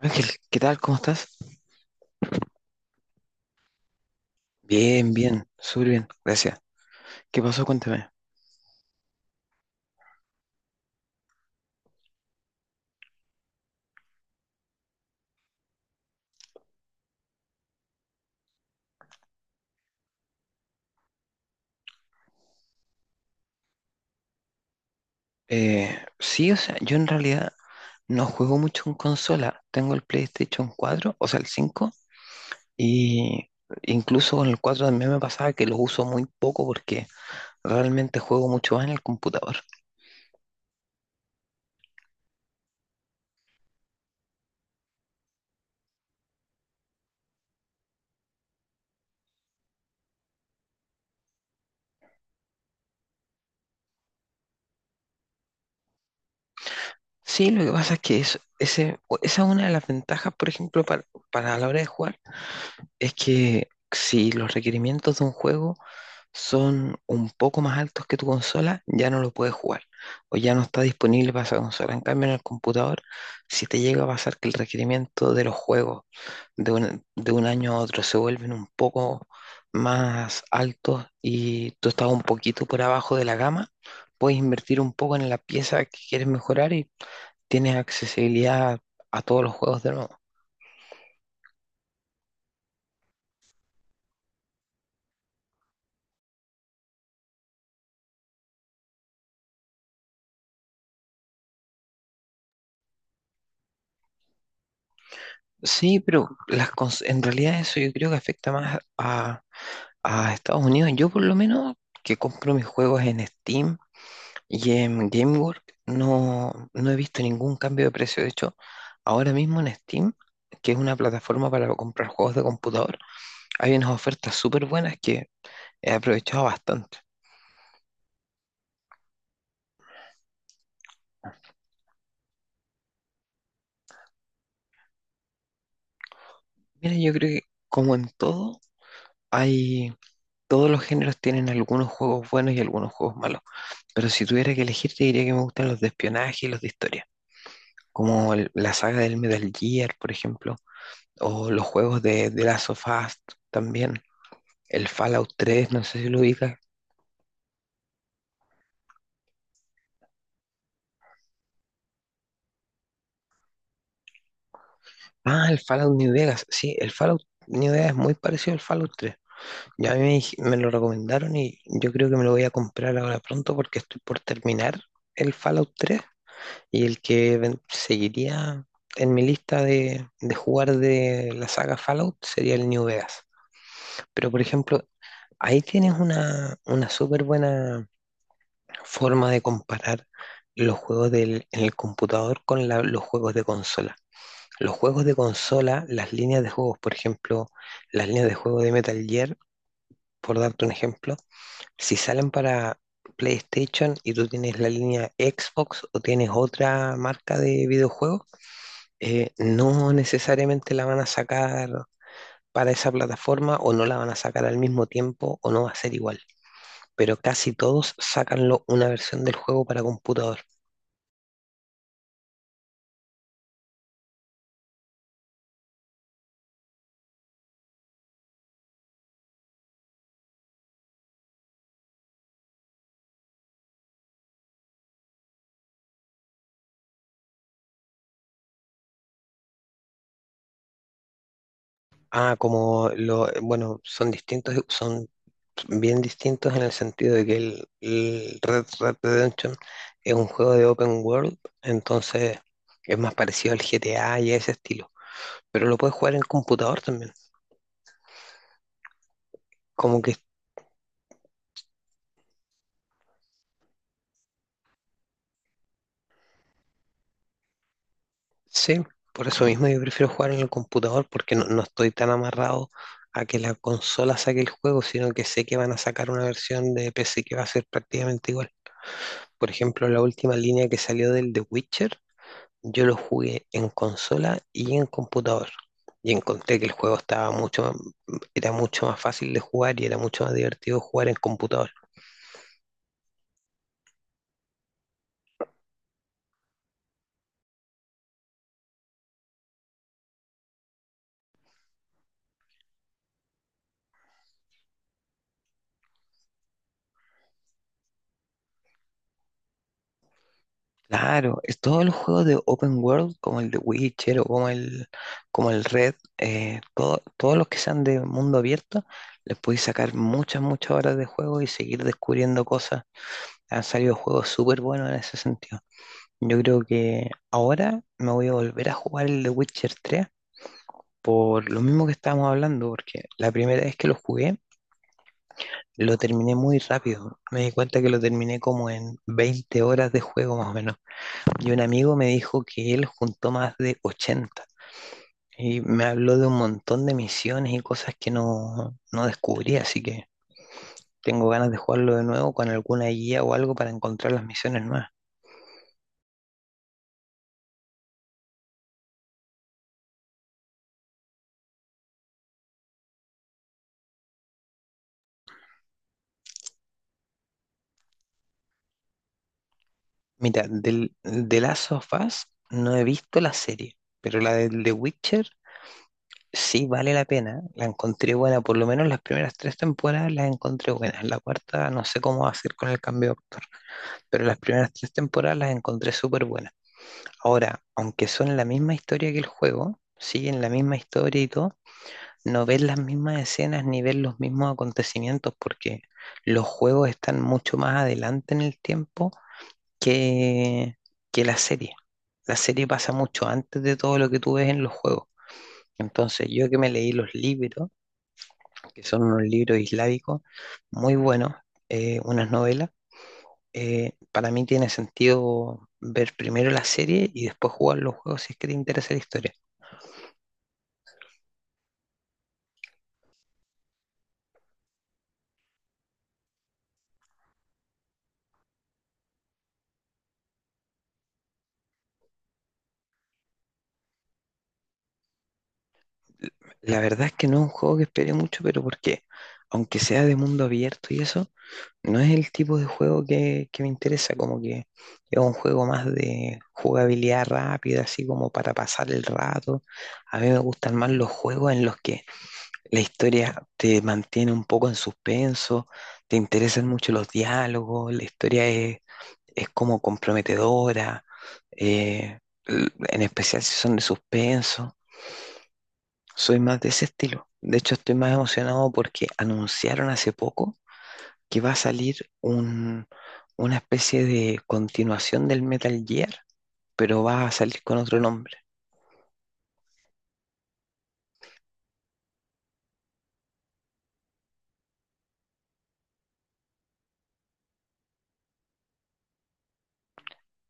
Ángel, ¿qué tal? ¿Cómo estás? Bien, bien, súper bien, gracias. ¿Qué pasó? Cuéntame. Sí, o sea, yo en realidad no juego mucho en consola. Tengo el PlayStation 4, o sea, el 5, y incluso con el 4 también me pasaba que lo uso muy poco porque realmente juego mucho más en el computador. Sí, lo que pasa es que esa es una de las ventajas, por ejemplo, para la hora de jugar, es que si los requerimientos de un juego son un poco más altos que tu consola, ya no lo puedes jugar o ya no está disponible para esa consola. En cambio, en el computador, si te llega a pasar que el requerimiento de los juegos de un año a otro se vuelven un poco más altos y tú estás un poquito por abajo de la gama, puedes invertir un poco en la pieza que quieres mejorar y tienes accesibilidad a todos los juegos de nuevo. Sí, pero en realidad eso yo creo que afecta más a Estados Unidos, yo por lo menos que compro mis juegos en Steam y en GameWorks, no he visto ningún cambio de precio. De hecho, ahora mismo en Steam, que es una plataforma para comprar juegos de computador, hay unas ofertas súper buenas que he aprovechado bastante. Mira, yo creo que como en todo, hay, todos los géneros tienen algunos juegos buenos y algunos juegos malos. Pero si tuviera que elegir, te diría que me gustan los de espionaje y los de historia. Como la saga del Metal Gear, por ejemplo. O los juegos de Last of Us también. El Fallout 3, no sé si lo ubicas. Ah, el Fallout New Vegas. Sí, el Fallout New Vegas es muy parecido al Fallout 3. Ya a mí me, dij- me lo recomendaron y yo creo que me lo voy a comprar ahora pronto porque estoy por terminar el Fallout 3, y el que seguiría en mi lista de, jugar de la saga Fallout sería el New Vegas. Pero por ejemplo, ahí tienes una súper buena forma de comparar los juegos en el computador con los juegos de consola. Los juegos de consola, las líneas de juegos, por ejemplo, las líneas de juego de Metal Gear, por darte un ejemplo, si salen para PlayStation y tú tienes la línea Xbox o tienes otra marca de videojuegos, no necesariamente la van a sacar para esa plataforma o no la van a sacar al mismo tiempo o no va a ser igual, pero casi todos sacan una versión del juego para computador. Bueno, son distintos, son bien distintos en el sentido de que el Red Red Redemption es un juego de open world, entonces es más parecido al GTA y a ese estilo. Pero lo puedes jugar en el computador también. Como que sí, por eso mismo yo prefiero jugar en el computador porque no estoy tan amarrado a que la consola saque el juego, sino que sé que van a sacar una versión de PC que va a ser prácticamente igual. Por ejemplo, la última línea que salió del The Witcher, yo lo jugué en consola y en computador. Y encontré que el juego era mucho más fácil de jugar y era mucho más divertido jugar en computador. Claro, es todos los juegos de Open World, como el de Witcher o como como el Red, todos los que sean de mundo abierto, les podéis sacar muchas, muchas horas de juego y seguir descubriendo cosas. Han salido juegos súper buenos en ese sentido. Yo creo que ahora me voy a volver a jugar el de Witcher 3 por lo mismo que estábamos hablando, porque la primera vez que lo jugué, lo terminé muy rápido. Me di cuenta que lo terminé como en 20 horas de juego más o menos. Y un amigo me dijo que él juntó más de 80 y me habló de un montón de misiones y cosas que no descubrí, así que tengo ganas de jugarlo de nuevo con alguna guía o algo para encontrar las misiones nuevas. Mira, de Last of Us no he visto la serie, pero la de The Witcher sí vale la pena, la encontré buena, por lo menos las primeras tres temporadas las encontré buenas, la cuarta no sé cómo va a ser con el cambio de actor, pero las primeras tres temporadas las encontré súper buenas. Ahora, aunque son la misma historia que el juego, siguen la misma historia y todo, no ves las mismas escenas ni ves los mismos acontecimientos porque los juegos están mucho más adelante en el tiempo que, que la serie. La serie pasa mucho antes de todo lo que tú ves en los juegos. Entonces, yo que me leí los libros, que son unos libros islámicos muy buenos, unas novelas. Para mí tiene sentido ver primero la serie y después jugar los juegos si es que te interesa la historia. La verdad es que no es un juego que espere mucho, pero porque aunque sea de mundo abierto y eso, no es el tipo de juego que me interesa, como que es un juego más de jugabilidad rápida, así como para pasar el rato. A mí me gustan más los juegos en los que la historia te mantiene un poco en suspenso, te interesan mucho los diálogos, es como comprometedora, eh, en especial si son de suspenso. Soy más de ese estilo. De hecho, estoy más emocionado porque anunciaron hace poco que va a salir una especie de continuación del Metal Gear, pero va a salir con otro nombre.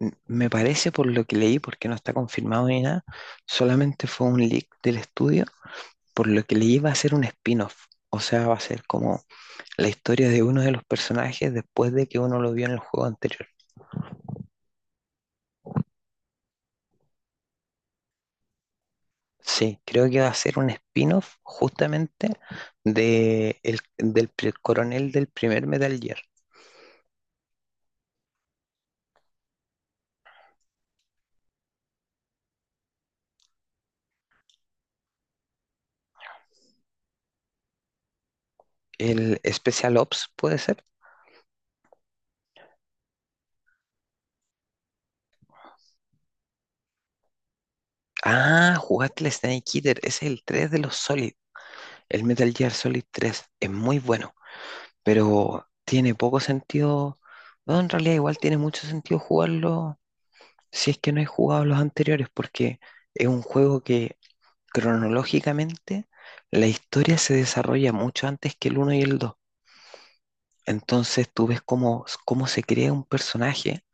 Me parece por lo que leí, porque no está confirmado ni nada, solamente fue un leak del estudio por lo que le iba a hacer un spin-off. O sea, va a ser como la historia de uno de los personajes después de que uno lo vio en el juego anterior. Sí, creo que va a ser un spin-off justamente de coronel del primer Metal Gear. El Special Ops puede ser. Ah, jugaste el Snake Eater. Ese es el 3 de los Solid. El Metal Gear Solid tres es muy bueno, pero tiene poco sentido. No, en realidad igual tiene mucho sentido jugarlo si es que no he jugado los anteriores, porque es un juego que cronológicamente la historia se desarrolla mucho antes que el uno y el 2. Entonces tú ves cómo, cómo se crea un personaje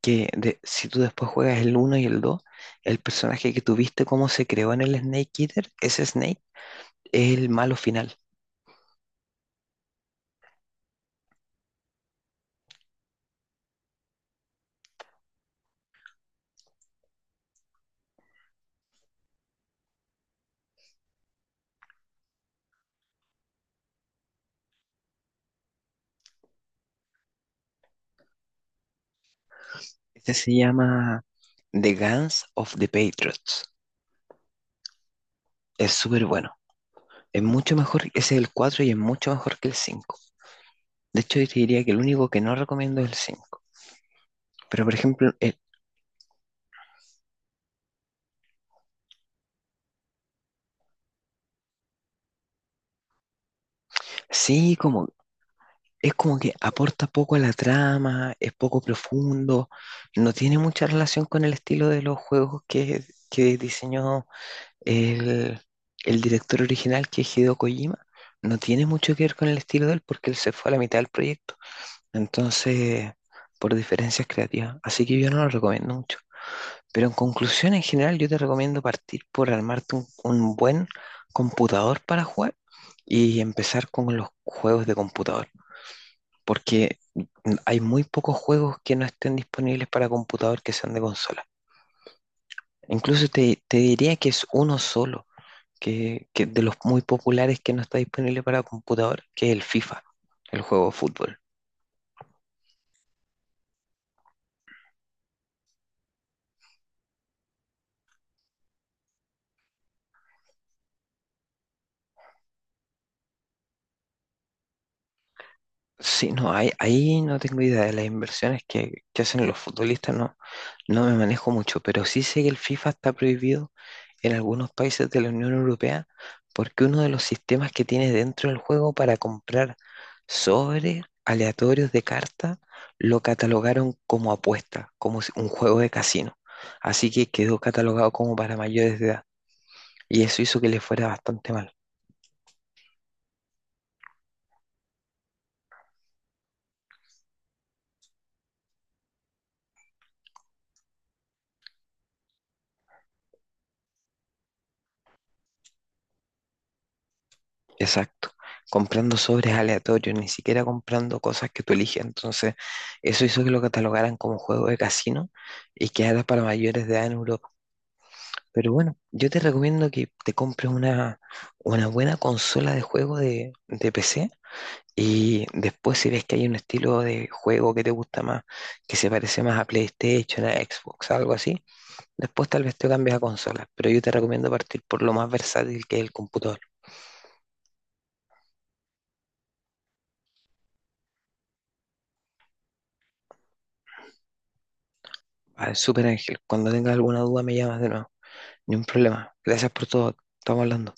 que si tú después juegas el uno y el 2, el personaje que tuviste, cómo se creó en el Snake Eater, ese Snake es el malo final. Este se llama The Guns of the Patriots. Es súper bueno. Es mucho mejor, ese es el 4 y es mucho mejor que el 5. De hecho, yo te diría que el único que no recomiendo es el cinco. Pero, por ejemplo, sí, como, es como que aporta poco a la trama, es poco profundo, no tiene mucha relación con el estilo de los juegos que diseñó el, el director original, que es Hideo Kojima. No tiene mucho que ver con el estilo de él porque él se fue a la mitad del proyecto. Entonces, por diferencias creativas. Así que yo no lo recomiendo mucho. Pero en conclusión, en general, yo te recomiendo partir por armarte un buen computador para jugar y empezar con los juegos de computador, porque hay muy pocos juegos que no estén disponibles para computador que sean de consola. Incluso te diría que es uno solo, que de los muy populares que no está disponible para computador, que es el FIFA, el juego de fútbol. Ahí no tengo idea de las inversiones que hacen los futbolistas, no, no me manejo mucho, pero sí sé que el FIFA está prohibido en algunos países de la Unión Europea porque uno de los sistemas que tiene dentro del juego para comprar sobres aleatorios de carta lo catalogaron como apuesta, como si- un juego de casino. Así que quedó catalogado como para mayores de edad. Y eso hizo que le fuera bastante mal. Exacto. Comprando sobres aleatorios, ni siquiera comprando cosas que tú eliges. Entonces, eso hizo que lo catalogaran como juego de casino y que era para mayores de edad en Europa. Pero bueno, yo te recomiendo que te compres una buena consola de juego de PC, y después si ves que hay un estilo de juego que te gusta más, que se parece más a PlayStation, a Xbox, algo así, después tal vez te cambies a consola. Pero yo te recomiendo partir por lo más versátil que es el computador. Vale, súper Ángel. Cuando tengas alguna duda me llamas de nuevo. Ni un problema. Gracias por todo. Estamos hablando.